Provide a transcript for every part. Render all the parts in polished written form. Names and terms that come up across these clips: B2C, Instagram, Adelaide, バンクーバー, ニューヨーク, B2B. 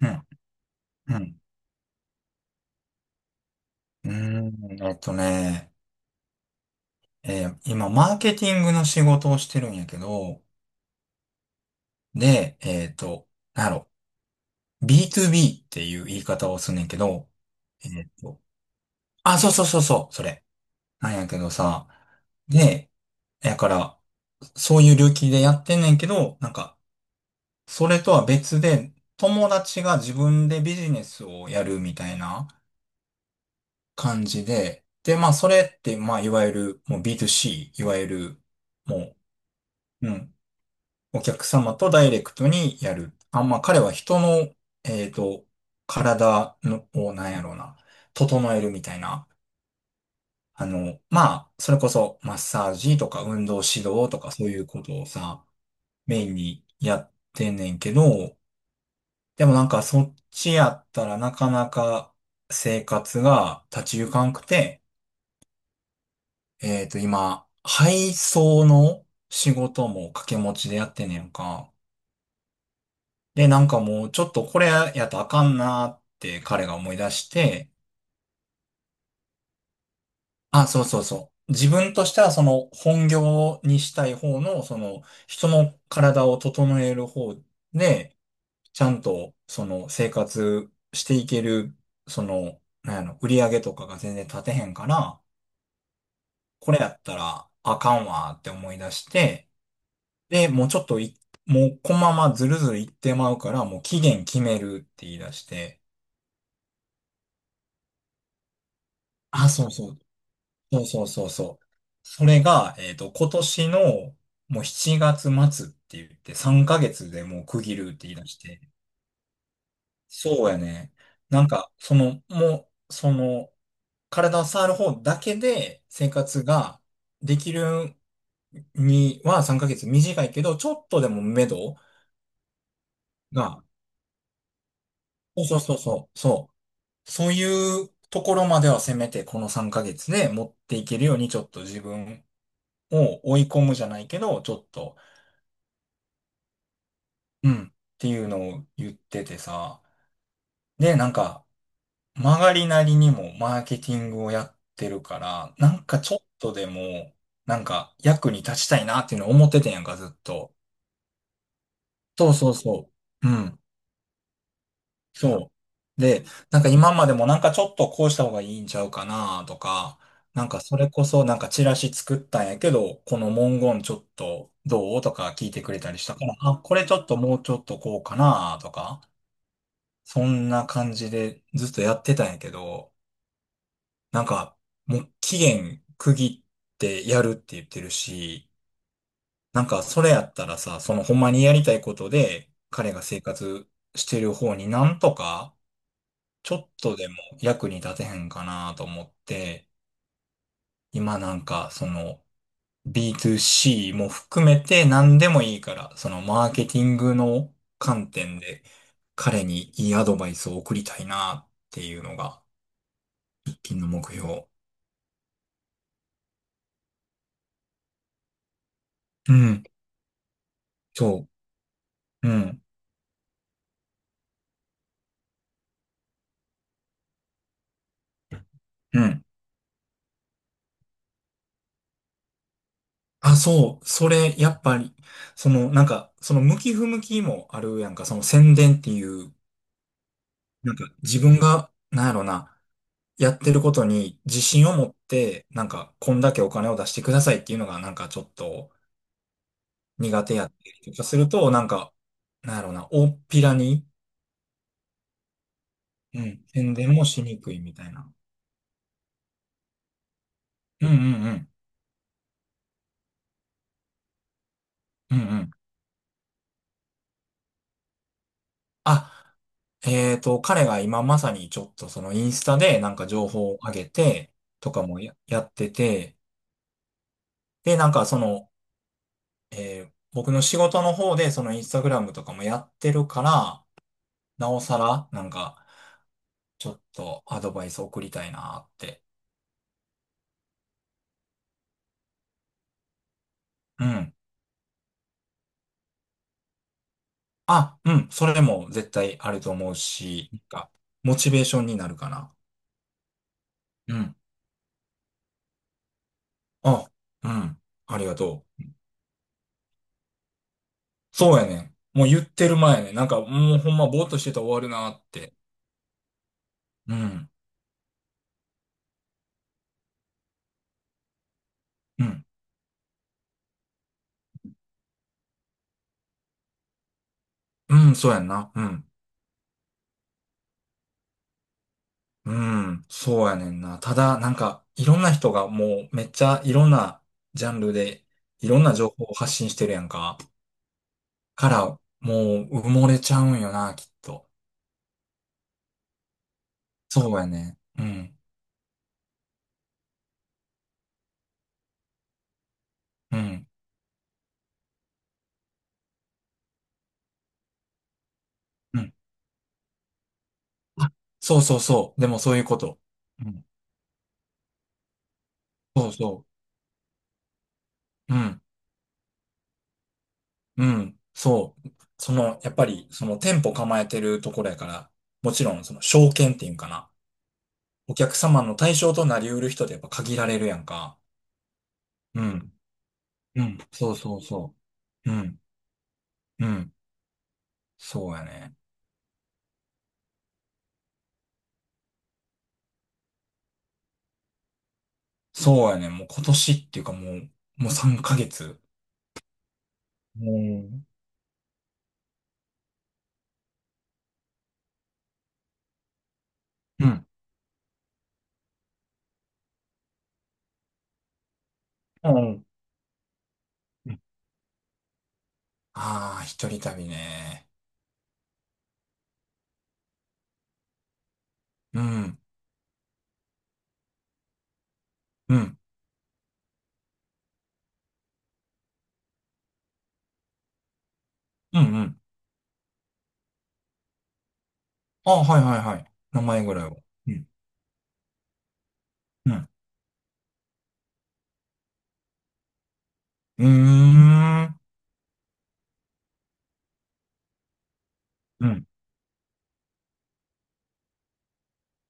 うん、うん。うーん、えっとね、えー今、マーケティングの仕事をしてるんやけど、で、なんやろ、B2B っていう言い方をすんねんけど、えっと、あ、そうそうそうそう、それ。なんやけどさ、で、やから、そういう領域でやってんねんけど、なんか、それとは別で、友達が自分でビジネスをやるみたいな感じで、で、まあ、それって、まあ、いわゆる、もう B2C、いわゆる、もう、うん。お客様とダイレクトにやる。あ、まあ、彼は人の、えっと、体の、を、なんやろうな、整えるみたいな。まあ、それこそ、マッサージとか、運動指導とか、そういうことをさ、メインにやってんねんけど、でもなんか、そっちやったらなかなか生活が立ち行かんくて、今、配送の仕事も掛け持ちでやってんねんか。で、なんかもう、ちょっとこれやとあかんなーって彼が思い出して、あ、そうそうそう。自分としてはその本業にしたい方の、その人の体を整える方で、ちゃんとその生活していける、その、なんやろ、売り上げとかが全然立てへんから、これやったらあかんわーって思い出して、で、もうちょっとい、もうこのままずるずるいってまうから、もう期限決めるって言い出して、あ、そうそう。そうそうそうそう。それが、今年のもう7月末って言って3ヶ月でもう区切るって言い出して。そうやね。なんか、その、もう、その、体を触る方だけで生活ができるには3ヶ月短いけど、ちょっとでも目処が、そうそうそうそう、そう、そういうところまではせめてこの3ヶ月で持っていけるようにちょっと自分を追い込むじゃないけど、ちょっと、うんっていうのを言っててさ。で、なんか、曲がりなりにもマーケティングをやってるから、なんかちょっとでも、なんか役に立ちたいなっていうのを思っててんやんか、ずっと。そうそうそう。うん。そう。で、なんか今までもなんかちょっとこうした方がいいんちゃうかなとか、なんかそれこそなんかチラシ作ったんやけど、この文言ちょっとどうとか聞いてくれたりしたから、あ、これちょっともうちょっとこうかなとか。そんな感じでずっとやってたんやけど、なんか、もう期限区切ってやるって言ってるし、なんかそれやったらさ、そのほんまにやりたいことで、彼が生活してる方になんとか、ちょっとでも役に立てへんかなと思って、今なんかその B2C も含めて何でもいいから、そのマーケティングの観点で彼にいいアドバイスを送りたいなっていうのが喫緊の目標。うん。そう。うん。うん。あ、そう。それ、やっぱり、その、なんか、その向き不向きもあるやんか、その宣伝っていう、なんか自分が、なんやろな、やってることに自信を持って、なんか、こんだけお金を出してくださいっていうのが、なんかちょっと苦手やったりとかすると、なんか、なんやろな、大っぴらに、うん、宣伝もしにくいみたいな。うんうんうん。うんうん。あ、彼が今まさにちょっとそのインスタでなんか情報を上げてとかもやってて、で、なんかその、僕の仕事の方でそのインスタグラムとかもやってるから、なおさらなんかちょっとアドバイス送りたいなって。うん。あ、うん。それも絶対あると思うし、なんかモチベーションになるかな。うん。あ、うん。ありがとう。そうやねん。もう言ってる前ね。なんかもうほんまぼーっとしてたら終わるなって。うん、うん、うん、そうやんな。うん、うん、そうやねんな。ただ、なんか、いろんな人がもうめっちゃいろんなジャンルでいろんな情報を発信してるやんか。から、もう埋もれちゃうんよな、きっと。そうやね。うん、うん、うん。そうそうそう。でもそういうこと。うん、そうそう。うん、うん、そう。その、やっぱり、その店舗構えてるところやから、もちろん、その、証券っていうんかな。お客様の対象となりうる人ってやっぱ限られるやんか。うん。うん。そうそうそう。うん。うん。そうやね。そうやね。もう今年っていうかもう、もう3ヶ月。もう、うん。うん。ああー、一人旅ね。うん。うん。うん。うん。ああ、はいはいはい。名前ぐらいは。うん。うん。うーん。うん。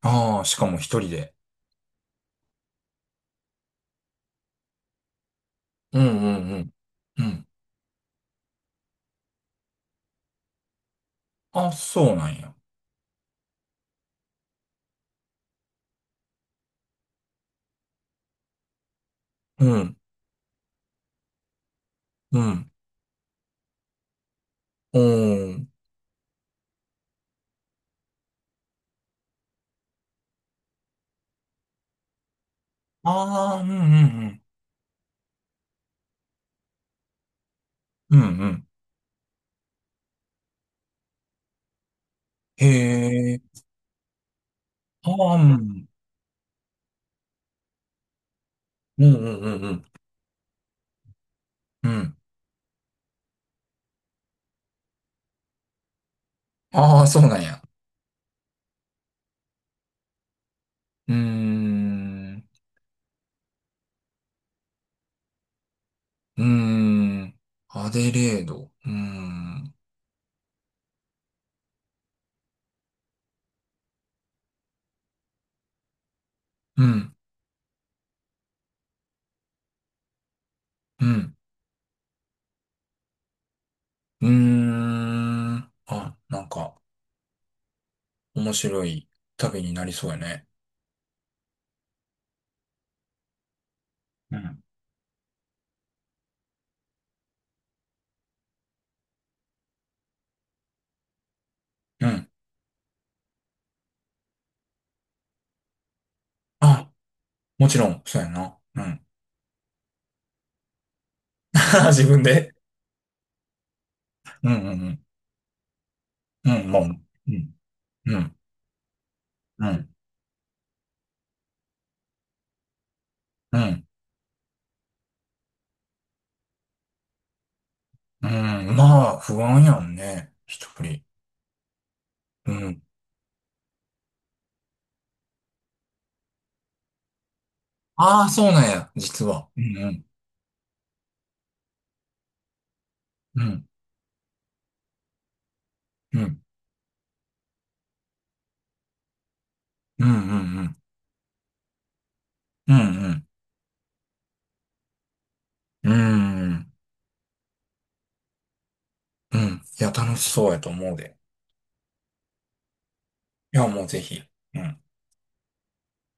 ああ、しかも一人で。うんうんうん。うん。あ、そうなんや。うん。うん。おーああ、うんうんうん。うんうん。へえ。ああ、うん。うんうんうんうん。うん。ああ、そうなんや。うーん。うーん。アデレード。うーん。うん。うん。うーん。あ、なんか、面白い旅になりそうやね。うん。うん。あ、もちろん、そうやな。うん。自分で。うんうんうん。うん、まあ、うん。うん。うん。うん。うん。まあ、不安やんね。一人。うん。ああ、そうなんや、実は。うん、うん、うん、うん、うん、うん、うん、うん、うん、うん。いや、楽しそうやと思うで。いや、もうぜひ。うん